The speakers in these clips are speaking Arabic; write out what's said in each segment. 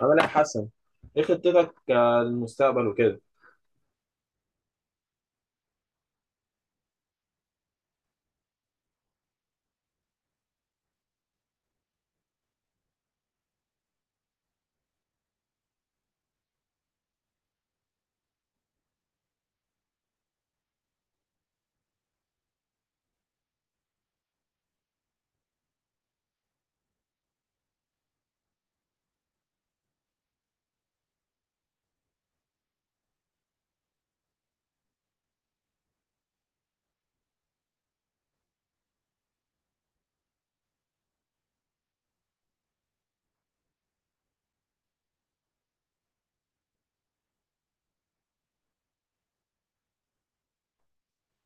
عامل ايه يا حسن؟ ايه خطتك، للمستقبل وكده؟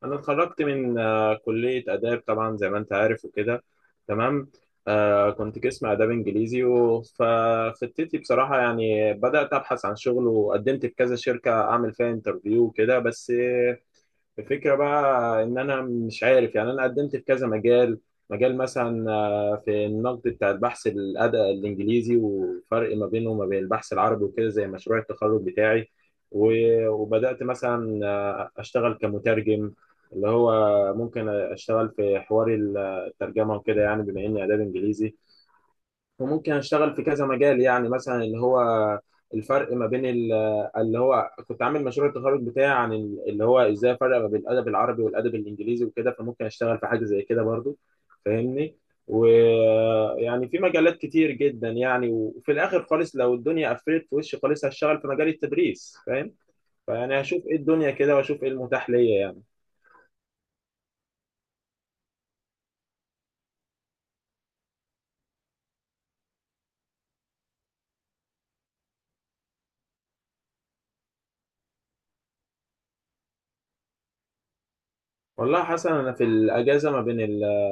انا اتخرجت من كلية آداب طبعا زي ما انت عارف وكده. تمام. كنت قسم آداب انجليزي فخطتي بصراحة يعني بدأت ابحث عن شغل وقدمت في كذا شركة اعمل فيها انترفيو وكده. بس الفكرة بقى إن أنا مش عارف، يعني أنا قدمت في كذا مجال. مجال مثلا في النقد بتاع البحث الأدبي الإنجليزي وفرق ما بينه وما بين البحث العربي وكده، زي مشروع التخرج بتاعي. وبدأت مثلا أشتغل كمترجم، اللي هو ممكن أشتغل في حوار الترجمة وكده، يعني بما إني آداب إنجليزي. وممكن اشتغل في كذا مجال، يعني مثلا اللي هو الفرق ما بين اللي هو كنت عامل مشروع التخرج بتاعي عن اللي هو ازاي افرق ما بين الادب العربي والادب الانجليزي وكده، فممكن اشتغل في حاجه زي كده برضو. فاهمني؟ ويعني في مجالات كتير جدا يعني، وفي الاخر خالص لو الدنيا قفلت في وشي خالص هشتغل في مجال التدريس، فاهم؟ فيعني هشوف ايه الدنيا كده، واشوف ايه المتاح ليا يعني. والله حسنا انا في الاجازه ما بين ال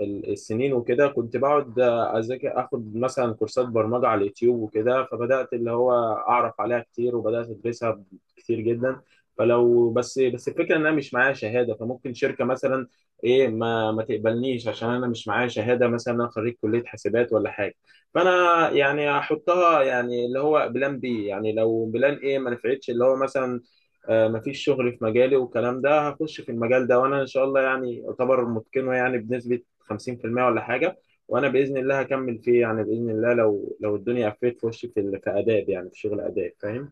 ال- السنين وكده كنت بقعد اذاكر، اخد مثلا كورسات برمجه على اليوتيوب وكده. فبدات اللي هو اعرف عليها كتير، وبدات ادرسها كتير جدا. فلو بس الفكره ان انا مش معايا شهاده، فممكن شركه مثلا ايه ما تقبلنيش عشان انا مش معايا شهاده، مثلا انا خريج كليه حاسبات ولا حاجه. فانا يعني احطها يعني اللي هو بلان بي، يعني لو بلان ايه ما نفعتش اللي هو مثلا، مفيش شغل في مجالي والكلام ده، هخش في المجال ده، وانا ان شاء الله يعني اعتبر متقنه يعني بنسبه 50% ولا حاجة. وأنا بإذن الله هكمل فيه يعني بإذن الله، لو الدنيا قفلت في وشي في في آداب، يعني في شغل آداب، فاهم؟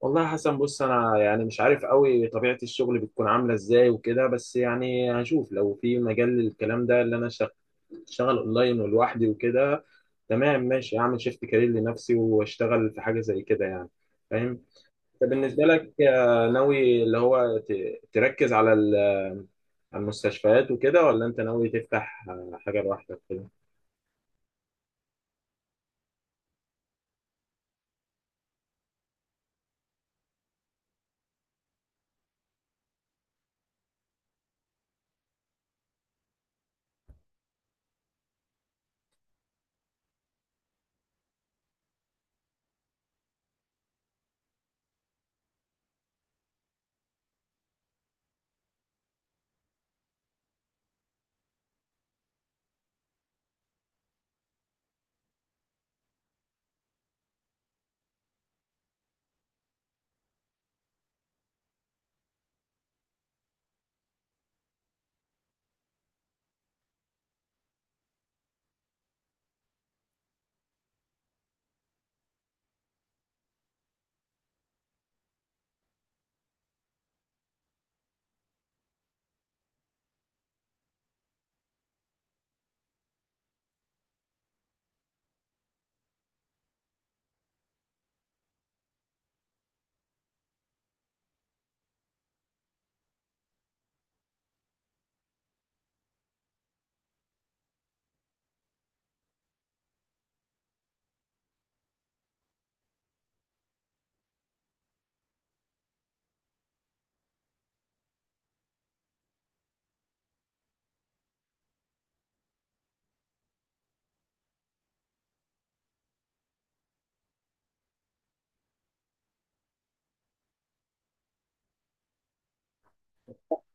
والله يا حسن، بص أنا يعني مش عارف قوي طبيعة الشغل بتكون عاملة إزاي وكده، بس يعني هشوف لو في مجال للكلام ده اللي أنا شغال أونلاين ولوحدي وكده. تمام ماشي، أعمل شيفت كارير لنفسي وأشتغل في حاجة زي كده يعني. فاهم؟ انت بالنسبه لك، ناوي اللي هو تركز على على المستشفيات وكده، ولا انت ناوي تفتح حاجه لوحدك كده؟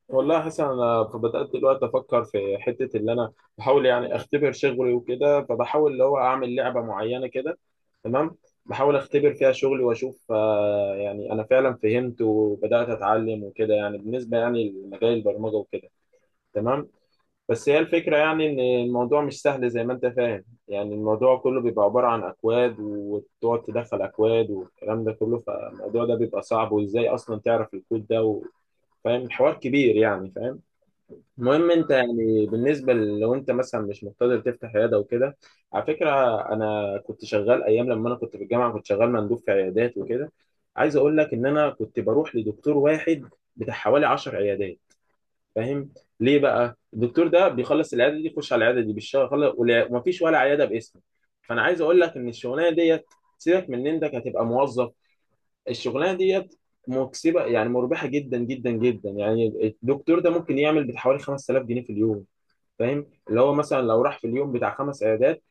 والله حسن، انا بدات دلوقتي افكر في حته اللي انا بحاول يعني اختبر شغلي وكده، فبحاول اللي هو اعمل لعبه معينه كده. تمام. بحاول اختبر فيها شغلي واشوف، يعني انا فعلا فهمت وبدات اتعلم وكده، يعني بالنسبه يعني لمجال البرمجه وكده. تمام. بس هي الفكرة يعني إن الموضوع مش سهل زي ما أنت فاهم، يعني الموضوع كله بيبقى عبارة عن أكواد، وتقعد تدخل أكواد والكلام ده كله، فالموضوع ده بيبقى صعب. وإزاي أصلا تعرف الكود ده فاهم؟ الحوار كبير يعني، فاهم؟ المهم أنت يعني بالنسبة لو أنت مثلا مش مقتدر تفتح عيادة وكده. على فكرة، أنا كنت شغال أيام لما أنا كنت في الجامعة، كنت شغال مندوب في عيادات وكده. عايز أقول لك إن أنا كنت بروح لدكتور واحد بتاع حوالي 10 عيادات. فاهم؟ ليه بقى الدكتور ده بيخلص العياده دي يخش على العياده دي بالشغل، ومفيش ولا عياده باسمه. فانا عايز اقول لك ان الشغلانه ديت، سيبك من ان انك هتبقى موظف، الشغلانه ديت مكسبه يعني، مربحه جدا جدا جدا يعني. الدكتور ده ممكن يعمل بحوالي 5000 جنيه في اليوم. فاهم؟ اللي هو مثلا لو راح في اليوم بتاع خمس عيادات،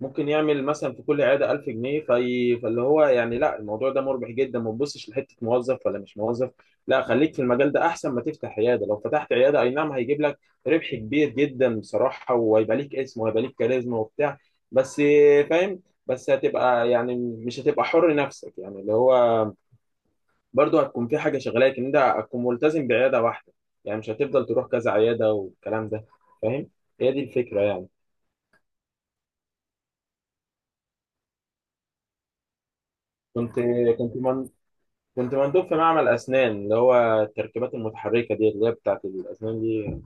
ممكن يعمل مثلا في كل عياده 1000 جنيه في... فاللي هو يعني لا، الموضوع ده مربح جدا، ما تبصش لحته موظف ولا مش موظف، لا خليك في المجال ده احسن، ما تفتح عياده. لو فتحت عياده اي نعم هيجيب لك ربح كبير جدا بصراحه، وهيبقى ليك اسم وهيبقى ليك كاريزما وبتاع، بس فاهم؟ بس هتبقى يعني مش هتبقى حر نفسك، يعني اللي هو برضه هتكون في حاجه شغلاك، ان انت هتكون ملتزم بعياده واحده، يعني مش هتفضل تروح كذا عياده والكلام ده. فاهم؟ هي دي الفكره يعني. كنت كنت كنت مندوب في معمل أسنان، اللي هو التركيبات المتحركة دي اللي هي بتاعة الأسنان دي،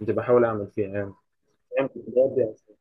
كنت بحاول أعمل فيها يعني. يعني كنت بودي أسنان.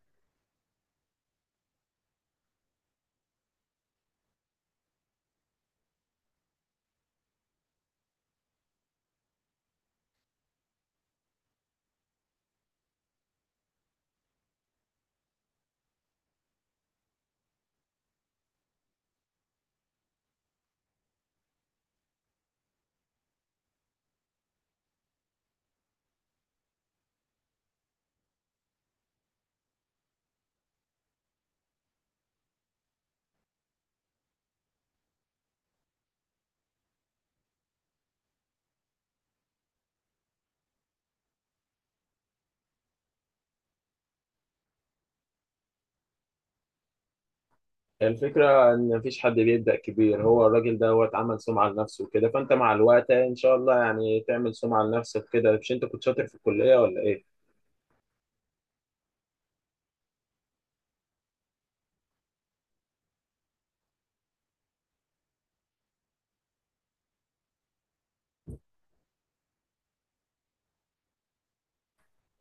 الفكرة إن مفيش حد بيبدأ كبير، هو الراجل دوت عمل سمعة لنفسه وكده، فأنت مع الوقت إن شاء الله يعني تعمل سمعة لنفسك كده. مش أنت كنت شاطر في الكلية ولا إيه؟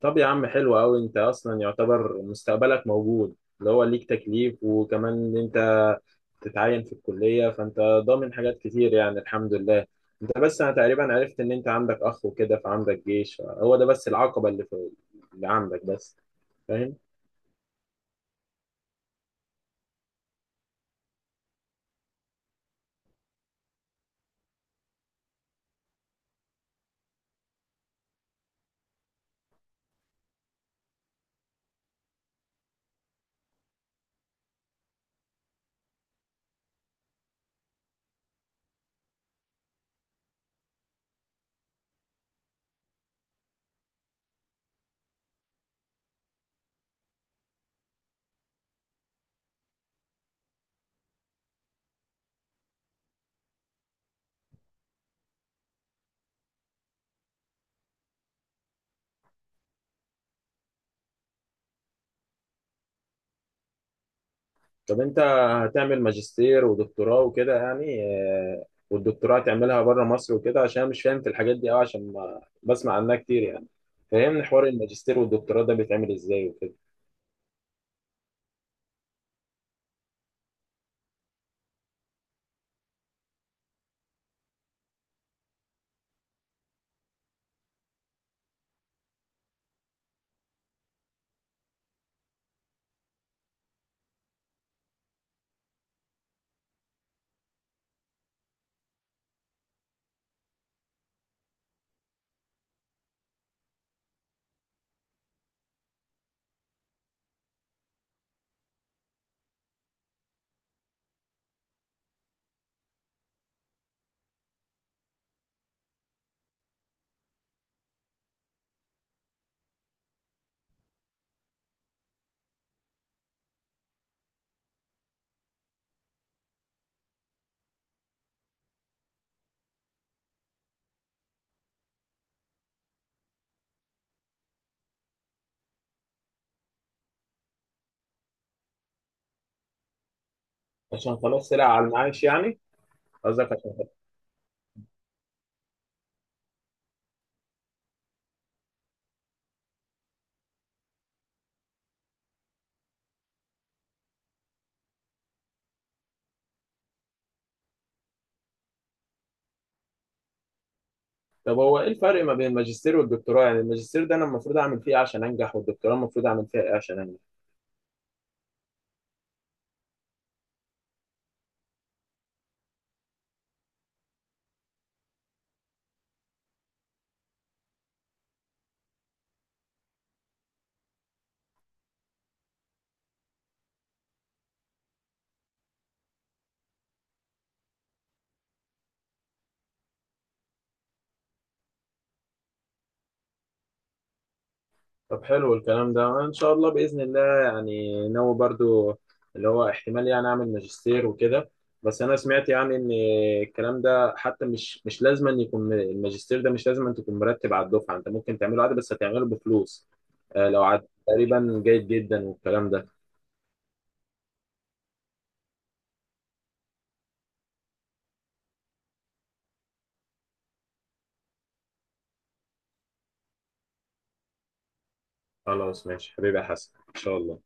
طب يا عم حلو أوي، أنت أصلا يعتبر مستقبلك موجود، اللي هو ليك تكليف، وكمان إن أنت تتعين في الكلية، فأنت ضامن حاجات كتير يعني الحمد لله. ده بس انا تقريبا عرفت ان انت عندك اخ وكده، فعندك جيش. هو ده بس العقبه اللي في اللي عندك بس. فاهم؟ طب انت هتعمل ماجستير ودكتوراه وكده يعني، والدكتوراه تعملها بره مصر وكده؟ عشان أنا مش فاهم في الحاجات دي قوي، عشان ما بسمع عنها كتير يعني. فهمني حوار الماجستير والدكتوراه ده بيتعمل ازاي وكده. عشان خلاص طلع على المعاش يعني، قصدك عشان خلاص. طب هو ايه الفرق ما بين الماجستير والدكتوراه؟ يعني الماجستير ده انا المفروض اعمل فيه إيه عشان انجح، والدكتوراه المفروض اعمل فيها ايه عشان انجح؟ طب حلو الكلام ده ان شاء الله باذن الله، يعني ناوي برضو اللي هو احتمال يعني اعمل ماجستير وكده. بس انا سمعت يعني ان الكلام ده حتى مش لازم أن يكون الماجستير ده مش لازم أن تكون مرتب على الدفعه، انت ممكن تعمله عادي بس هتعمله بفلوس، لو عاد تقريبا جيد جدا والكلام ده. خلاص ماشي حبيبي يا حسن ان شاء الله.